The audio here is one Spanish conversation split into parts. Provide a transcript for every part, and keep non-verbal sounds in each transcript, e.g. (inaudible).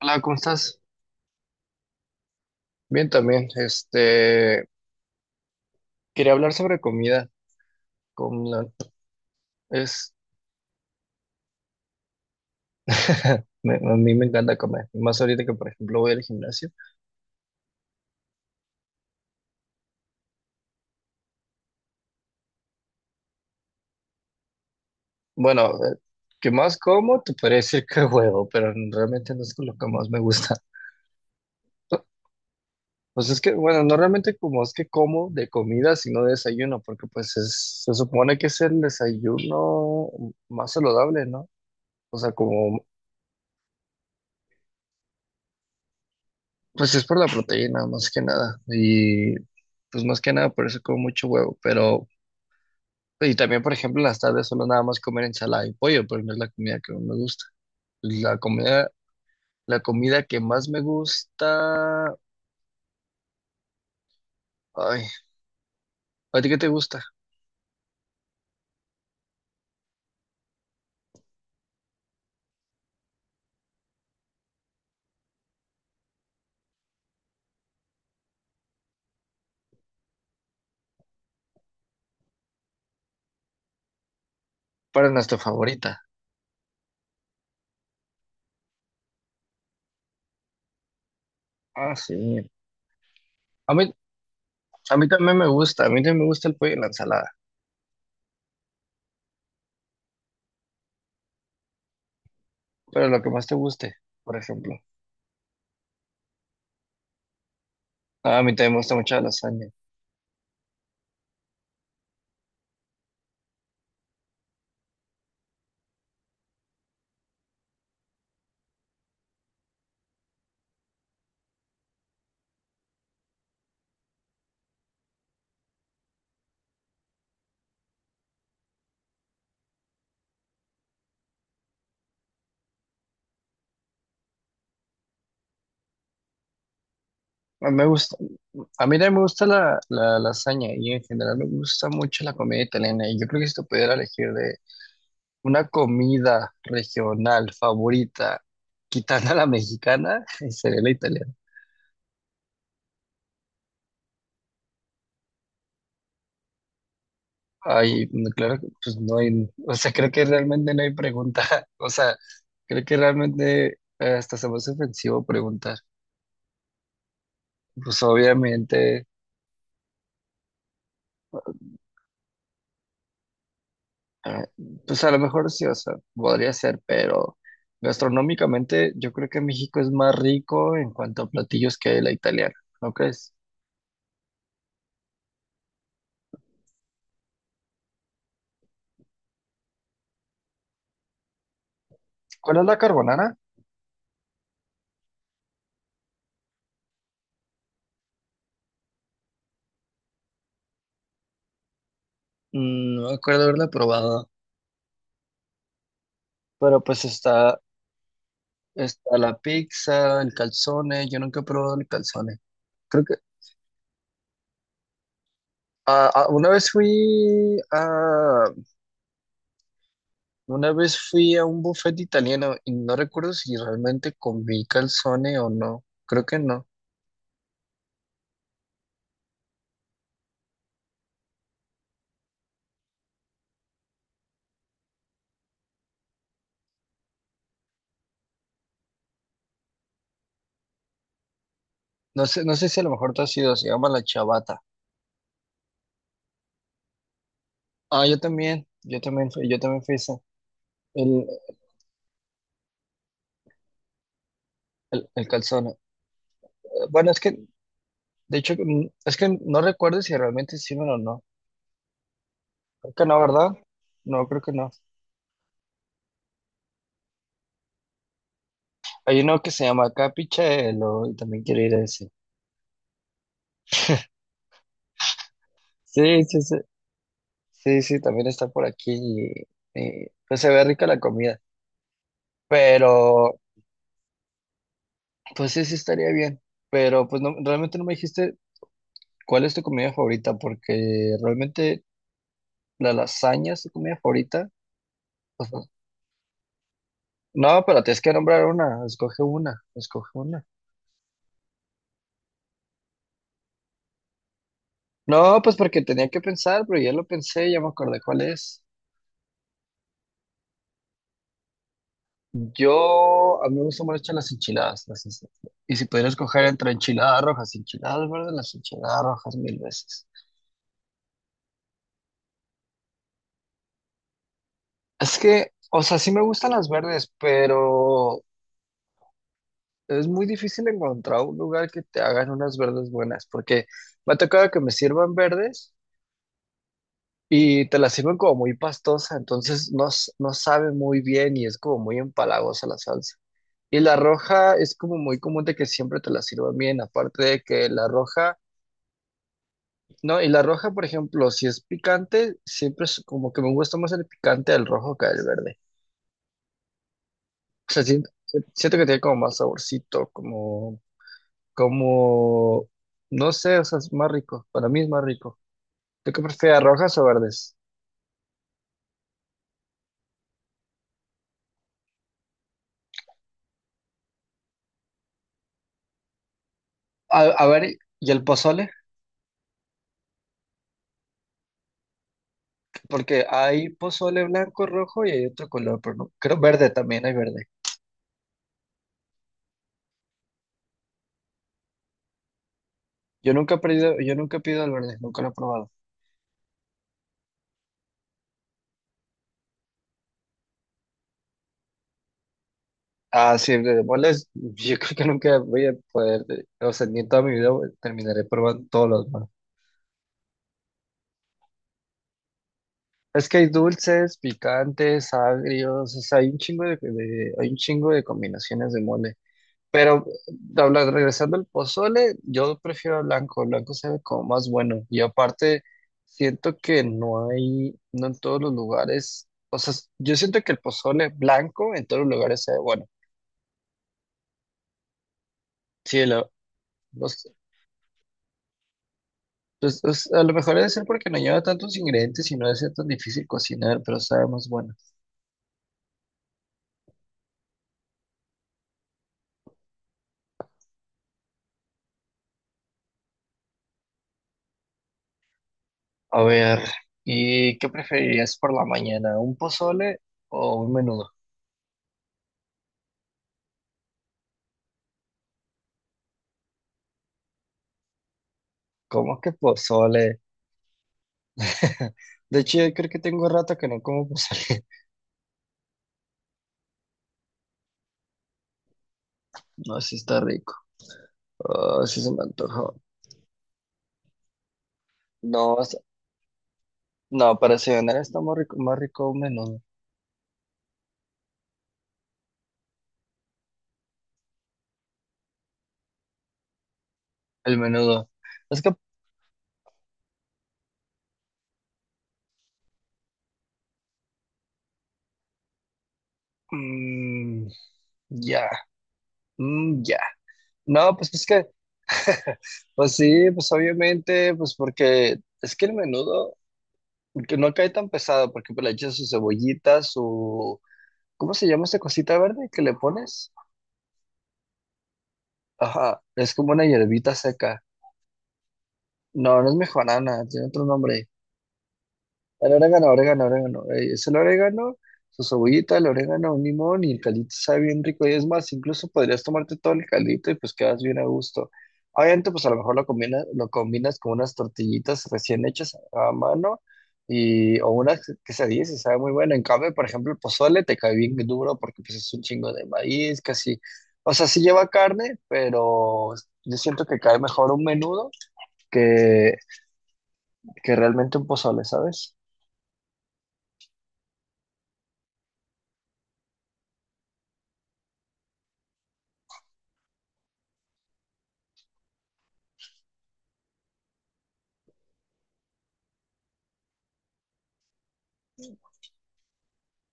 Hola, ¿cómo estás? Bien también. Quería hablar sobre comida. Como la- es, (laughs) me- a mí me encanta comer. Más ahorita que, por ejemplo, voy al gimnasio. Bueno, ¿que más como? Te podría decir que (laughs) huevo, pero realmente no es lo que más me gusta. (laughs) Pues es que, bueno, no realmente como es que como de comida, sino de desayuno, porque pues es, se supone que es el desayuno más saludable, ¿no? O sea, como. Pues es por la proteína, más que nada. Pues más que nada por eso como mucho huevo. Pero, y también, por ejemplo, en las tardes solo nada más comer ensalada y pollo, pero no es la comida que más me gusta. La comida, la comida que más me gusta. Ay, ¿a ti qué te gusta? Para es nuestra favorita. Ah, sí. A mí, a mí también me gusta. A mí también me gusta el pollo y la ensalada. Pero lo que más te guste, por ejemplo. Ah, a mí también me gusta mucho la lasaña. A mí me gusta, a mí también me gusta la lasaña y en general me gusta mucho la comida italiana. Y yo creo que si te pudiera elegir de una comida regional favorita, quitando a la mexicana, (laughs) sería la italiana. Ay, no, claro que pues no hay, o sea, creo que realmente no hay pregunta. (laughs) O sea, creo que realmente hasta se me hace ofensivo preguntar. Pues obviamente. Ah, pues a lo mejor sí, o sea, podría ser, pero gastronómicamente yo creo que México es más rico en cuanto a platillos que la italiana, ¿no crees? ¿Cuál es la carbonara? Mm, no me acuerdo haberla probado, pero pues está, está la pizza, el calzone, yo nunca he probado el calzone. Creo que una vez fui a una vez fui a un buffet italiano y no recuerdo si realmente comí calzone o no. Creo que no. No sé, no sé si a lo mejor tú has ido, se llama la Chavata. Ah, yo también fui ese, el, el calzón. Bueno, es que, de hecho, es que no recuerdo si realmente hicieron o no. Creo que no, ¿verdad? No, creo que no. Hay uno que se llama Capichelo y también quiero ir a ese. Sí, sí, sí. Sí, sí, también está por aquí y, pues se ve rica la comida. Pero, pues sí, sí estaría bien. Pero, pues no, realmente no me dijiste cuál es tu comida favorita, porque realmente la lasaña es tu comida favorita. Pues, no, no, pero tienes que nombrar una. Escoge una. Escoge una. No, pues porque tenía que pensar, pero ya lo pensé, ya me acordé cuál es. Yo, a mí me gustan mucho las enchiladas. Las enchi- y si pudiera escoger entre enchiladas rojas y enchiladas verdes, las enchiladas rojas mil veces. Es que, o sea, sí me gustan las verdes, pero es muy difícil encontrar un lugar que te hagan unas verdes buenas, porque me ha tocado que me sirvan verdes. Y te la sirven como muy pastosa, entonces no, s- no sabe muy bien y es como muy empalagosa la salsa. Y la roja es como muy común de que siempre te la sirvan bien, aparte de que la roja, no, y la roja, por ejemplo, si es picante, siempre es como que me gusta más el picante del rojo que el verde. O sea, siento, siento que tiene como más saborcito, como, como, no sé, o sea, es más rico, para mí es más rico. ¿Tú qué prefieres, rojas o verdes? A ver, ¿y el pozole? Porque hay pozole blanco, rojo y hay otro color, pero no. Creo verde también, hay verde. Yo nunca he pedido, yo nunca he pedido el verde, nunca lo he probado. Ah, sí, el de bolas, (laughs) yo creo que nunca voy a poder, o sea, ni en toda mi vida voy- terminaré probando todos los demás. Es que hay dulces, picantes, agrios, o sea, hay un chingo de- hay un chingo de combinaciones de mole. Pero habla- regresando al pozole, yo prefiero el blanco se ve como más bueno. Y aparte, siento que no hay, no en todos los lugares, o sea, yo siento que el pozole blanco en todos los lugares se ve bueno. Sí, lo, los- pues, pues, a lo mejor debe ser porque no lleva tantos ingredientes y no debe ser tan difícil cocinar, pero sabe más bueno. A ver, ¿y qué preferirías por la mañana? ¿Un pozole o un menudo? ¿Cómo que pozole? (laughs) De hecho, yo creo que tengo rato que no como pozole. No, sí está rico. Ah, sí se me antojó. No, o sea, no, para cenar está más rico un menudo. El menudo. Es que, mm, ya, ya. No, pues es que, (laughs) pues sí, pues obviamente, pues porque es que el menudo que no cae tan pesado, porque pues, le echas su cebollita, su, ¿cómo se llama esa cosita verde que le pones? Ajá, es como una hierbita seca. No, no es mejorana, tiene otro nombre. El orégano. Es el orégano, su cebollita, el orégano, un limón y el caldito sabe bien rico. Y es más, incluso podrías tomarte todo el caldito y pues quedas bien a gusto. Obviamente, pues a lo mejor lo combinas con unas tortillitas recién hechas a mano y, o unas quesadillas y sabe muy bueno. En cambio, por ejemplo, el pozole te cae bien duro porque pues es un chingo de maíz, casi. O sea, sí lleva carne, pero yo siento que cae mejor un menudo que, que realmente un pozole, ¿sabes?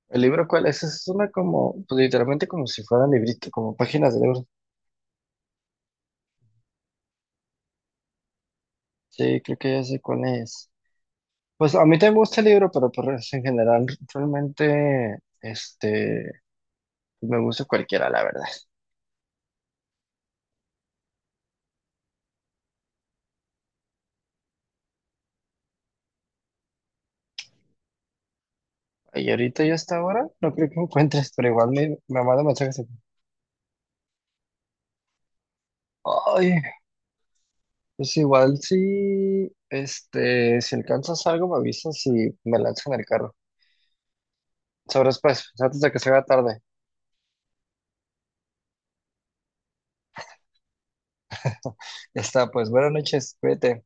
¿El libro cuál es? Es una como, pues literalmente como si fueran librito, como páginas de libro. Sí, creo que ya sé cuál es. Pues a mí también me gusta el libro, pero pues en general realmente, pues, me gusta cualquiera, la verdad. Y ahorita yo hasta ahora no creo que encuentres, pero igual me, me manda mensajes. Ay, pues igual si, si alcanzas algo me avisas y me lanzas en el carro. Sabrás pues, antes de que se haga tarde. Ya está, pues buenas noches, cuídate.